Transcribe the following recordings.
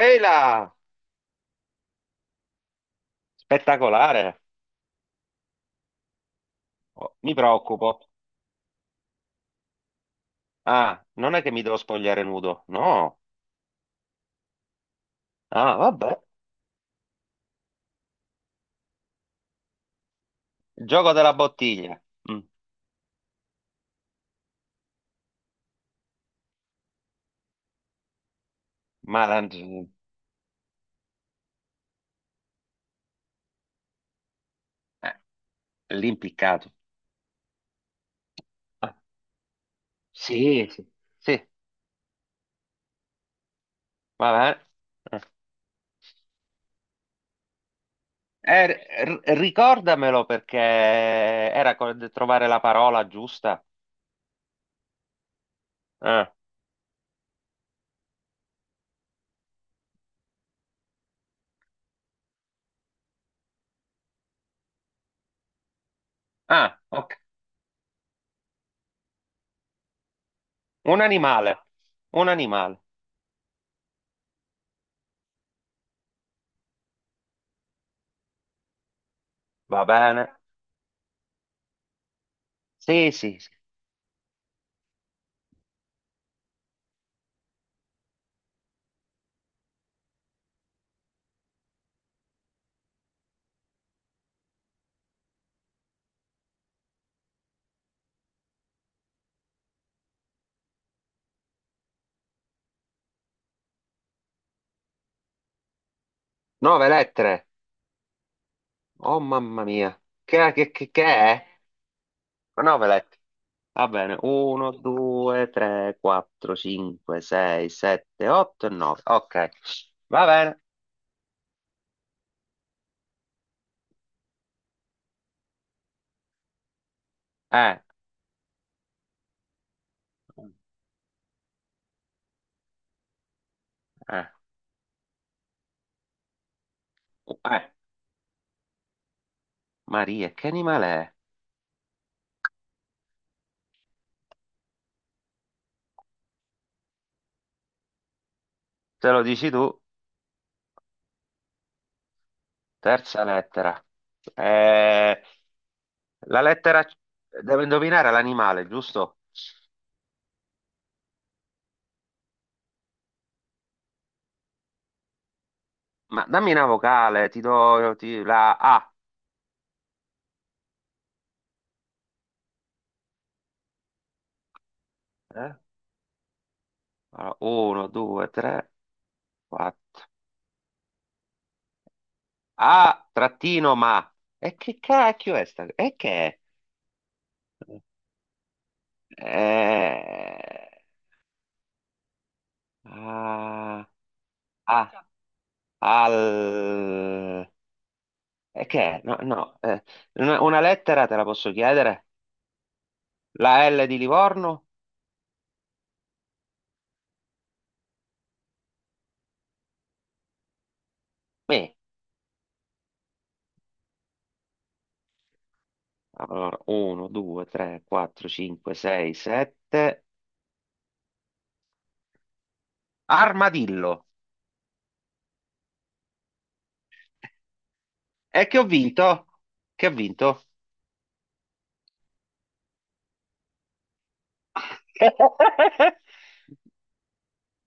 Ehi là! Spettacolare! Oh, mi preoccupo. Ah, non è che mi devo spogliare nudo. No. Ah, vabbè. Il gioco della bottiglia. Mm, Ma la- eh, L'impiccato. Ah, sì, sì. Sì, va bene. Ricordamelo perché era trovare la parola giusta. Ah, ah, ok. Un animale. Un animale. Va bene. Sì, sì, sì. Nove lettere. Oh, mamma mia. Che è? 9 letti. Va bene, 1, 2, 3, 4, 5, 6, 7, 8 e 9. Ok, va bene. Eh, eh, eh, Maria, che animale è? Te lo dici tu, terza lettera. Eh, la lettera, devo indovinare l'animale, giusto? Ma dammi una vocale, ti do la A. Eh? 1, 2, 3, 4. A, trattino, ma. E che cacchio è sta? E che è? Eh, ah, ah, già. al... E che è? No, no, una lettera te la posso chiedere? La L di Livorno? Me. Allora, 1, 2, 3, 4, 5, 6, 7. Armadillo. E che ho vinto? Che ho vinto?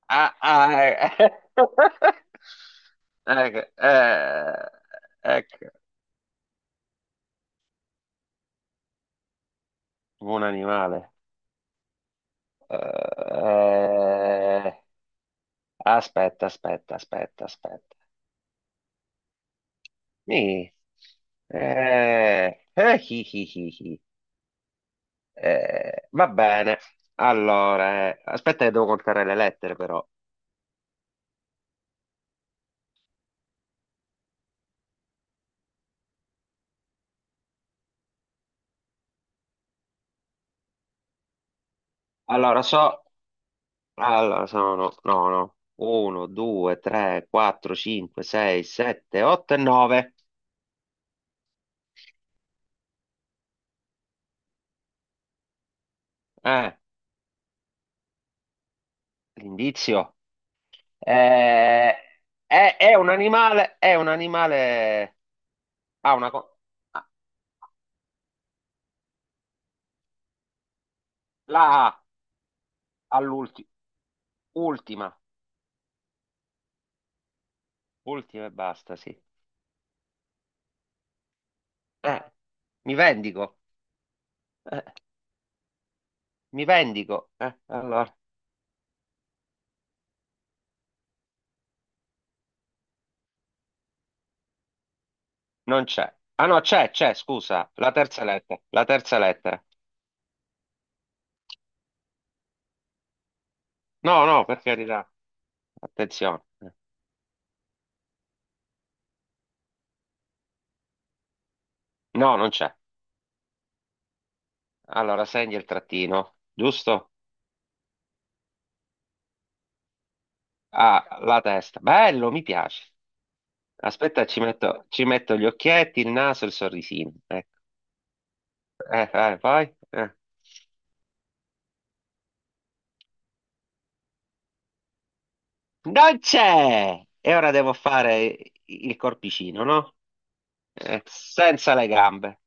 Ah, ah, eh. Ecco, ecco, un animale. Eh, Aspetta, aspetta, aspetta, aspetta. Mi- Hi, hi, hi, hi. Va bene. Allora, aspetta che devo contare le lettere però. Allora, No, no. 1, 2, 3, 4, 5, 6, 7, 8 e 9. Eh, L'indizio. Eh, è un animale, è un animale. Ha una, ah, la A. All'ultima, ultima, ultima e basta, sì. Eh, Mi vendico, eh, mi vendico. Allora, non c'è. Ah no, c'è, scusa, la terza lettera, la terza lettera. No, no, per carità, attenzione. No, non c'è. Allora, segni il trattino, giusto? Ah, la testa. Bello, mi piace. Aspetta, ci metto gli occhietti, il naso, il sorrisino. Ecco. Poi? Non c'è! E ora devo fare il corpicino, no? Senza le gambe.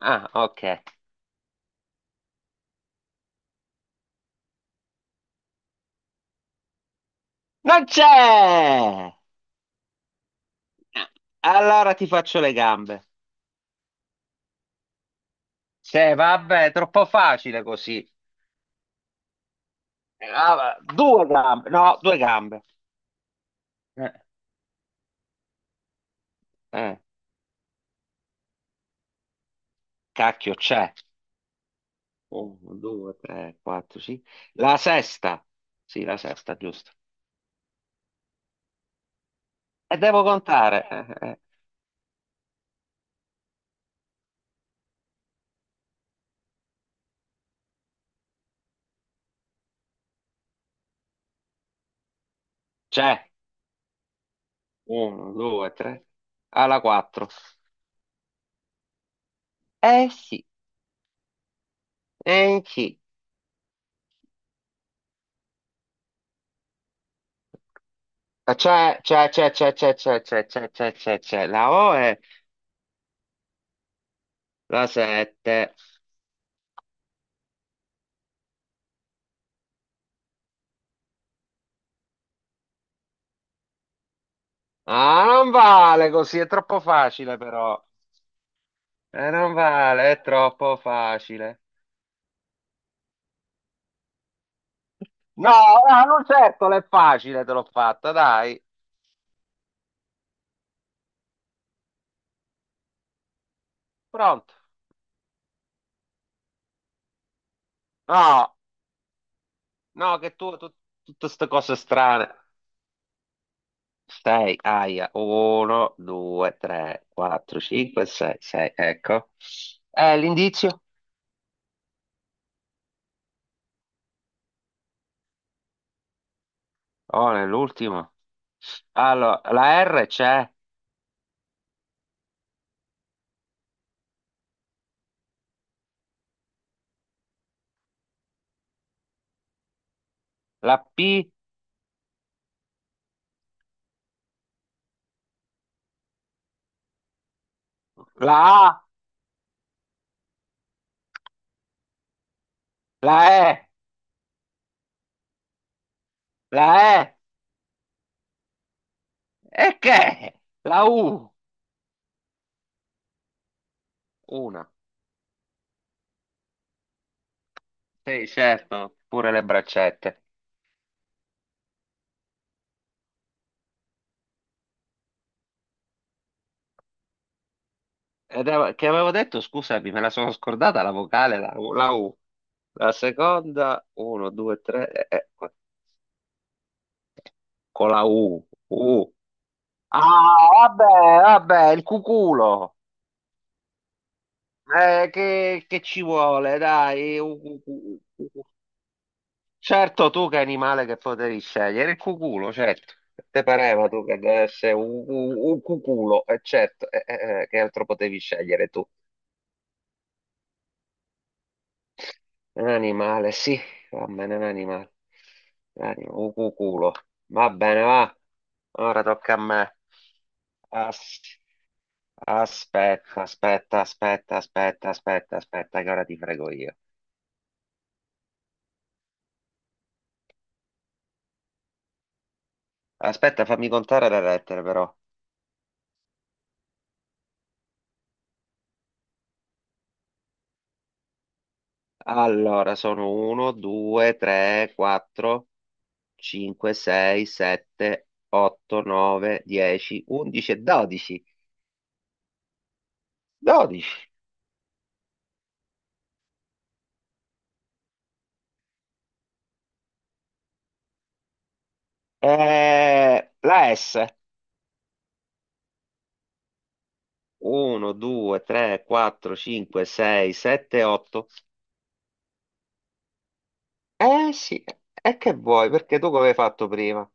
Ah, ok. Non c'è! Allora ti faccio le gambe. Sì, vabbè, è troppo facile così. Due gambe. No, due gambe. Eh, eh, Cacchio, c'è. Uno, due, tre, quattro, sì. La sesta. Sì, la sesta, giusto. E devo contare. C'è. Uno, due, tre. Alla quattro. Eh sì, eh sì. Ah, c'è, la O è la 7. Ah, non vale così, è troppo facile però. Non vale, è troppo facile. No, no, non certo, è facile, te l'ho fatta, dai. Pronto? No, no, che tutte queste cose strane. 6, aia, 1, 2, 3, 4, 5, 6, 6, ecco. L'indizio? Oh, nell'ultimo. Allora, la R c'è. La P, la A, la E, la E, e che? La U, una. Sì, certo, pure le braccette. Che avevo detto, scusami, me la sono scordata la vocale, la U. La seconda, uno, due, tre, con la U, U. Ah, vabbè, vabbè, il cuculo. Che ci vuole, dai, un. Certo, tu che animale che potevi scegliere, il cuculo, certo. Te pareva tu che deve essere un cuculo, e certo, che altro potevi scegliere tu? Un animale, sì, va bene, un animale. Un cuculo. Va bene, va. Ora tocca a me. As- Aspetta, aspetta, aspetta, aspetta, aspetta, aspetta, che ora ti frego io. Aspetta, fammi contare le lettere però. Allora, sono uno, due, tre, quattro. 5, 6, 7, 8, 9, 10, 11 e 12. 12. La S. 1, 2, 3, 4, 5, 6, 7, 8. Eh sì, e che vuoi? Perché tu come hai fatto prima?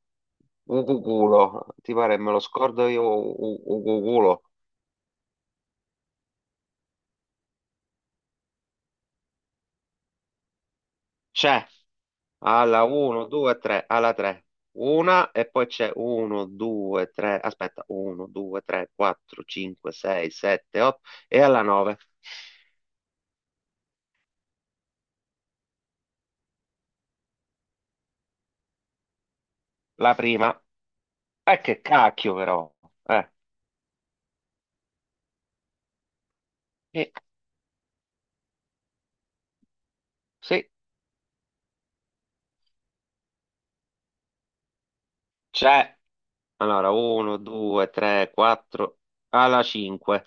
Ucuculo. Ti pare me lo scordo io? Ucuculo. C'è. Alla 1, 2, 3, alla 3. Una e poi c'è 1, 2, 3, aspetta, 1, 2, 3, 4, 5, 6, 7, 8 e alla 9. La prima. Che cacchio però. Eh, sì, sì, c'è. Allora, 1, 2, 3, 4, alla 5.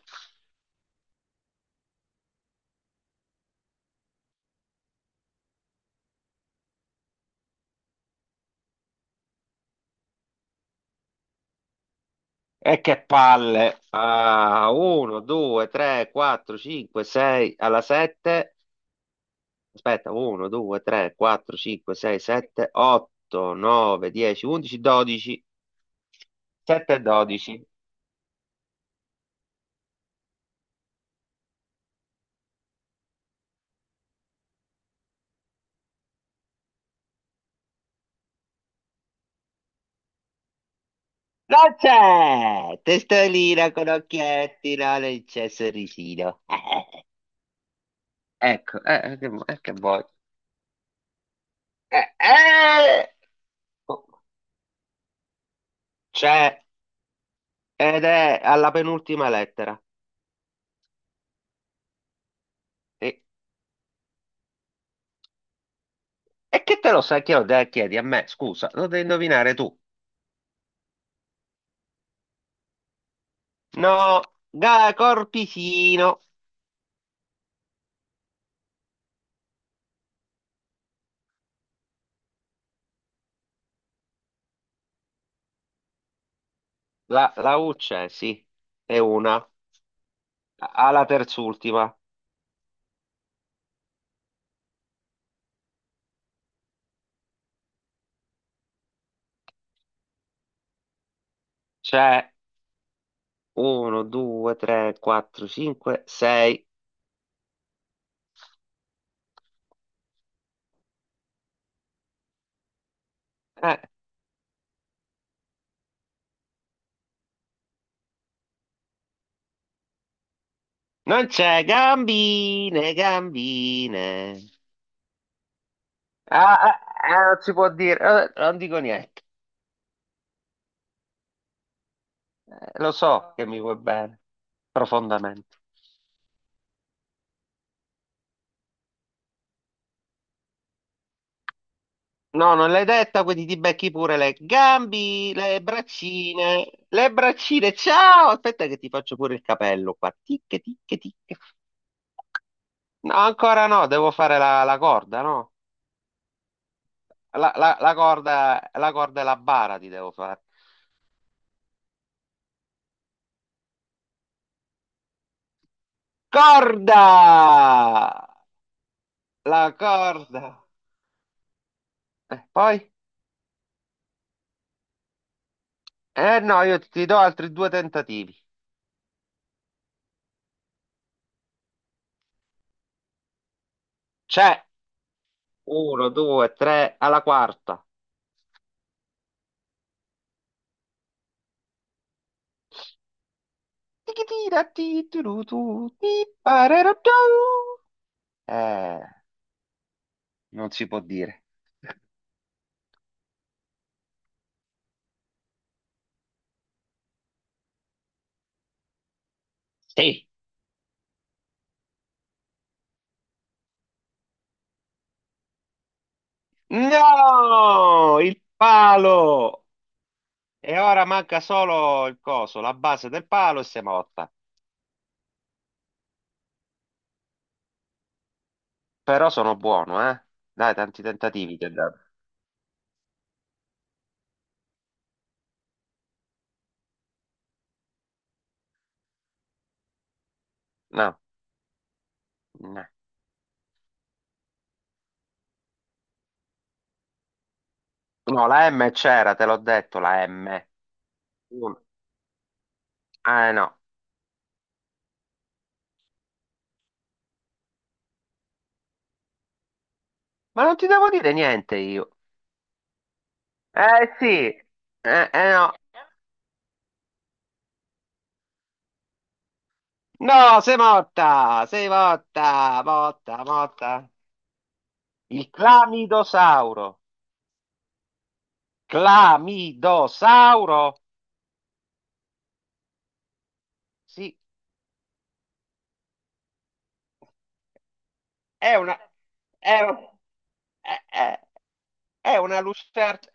E che palle. Ah, 1, 2, 3, 4, 5, 6, alla 7. Aspetta, 1, 2, 3, 4, 5, 6, 7, 8, 9, 10, 11, 12, 7 e 12. Non c'è! Testolina con occhietti, no, non c'è sorrisino. Ecco, che vuoi? Eh! Oh, c'è ed è alla penultima lettera. E, e che te lo sai che lo chiedi a me? Scusa, lo devi indovinare tu. No, corpicino. La U c'è, sì, è una. Alla terz'ultima c'è 1, 2, 3, 4, 5, 6. Non c'è gambine, gambine. Ah, ah, ah, non si può dire. Non dico niente. Lo so che mi vuoi bene, profondamente. No, non l'hai detta, quindi ti becchi pure le gambi, le braccine, le braccine. Ciao! Aspetta che ti faccio pure il capello qua. Tic, tic, tic. No, ancora no, devo fare la corda, no? La corda, la corda e la bara ti devo fare. Corda! La corda. Poi? Eh no, io ti do altri due tentativi. C'è uno, due, tre, alla quarta. Tichitira, ti, tu, tu, ti, parerà, tu. Eh, Non si può dire. Sì. No! Il palo! E ora manca solo il coso, la base del palo e siamo a otta. Però sono buono, eh? Dai, tanti tentativi ti ho dato. No, no. No, la M c'era, te l'ho detto, la M. Uno. Eh no. Ma non ti devo dire niente io. Eh sì. Eh no. No, sei morta, morta, morta. Il clamidosauro. Clamidosauro? Sì, è una. È un. è- è- È una lucert-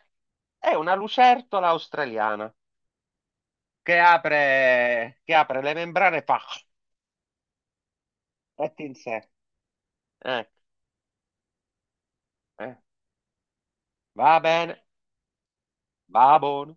è una lucertola australiana che apre le membrane e fa e ti insegue. Eh, eh. Va bene, va buono.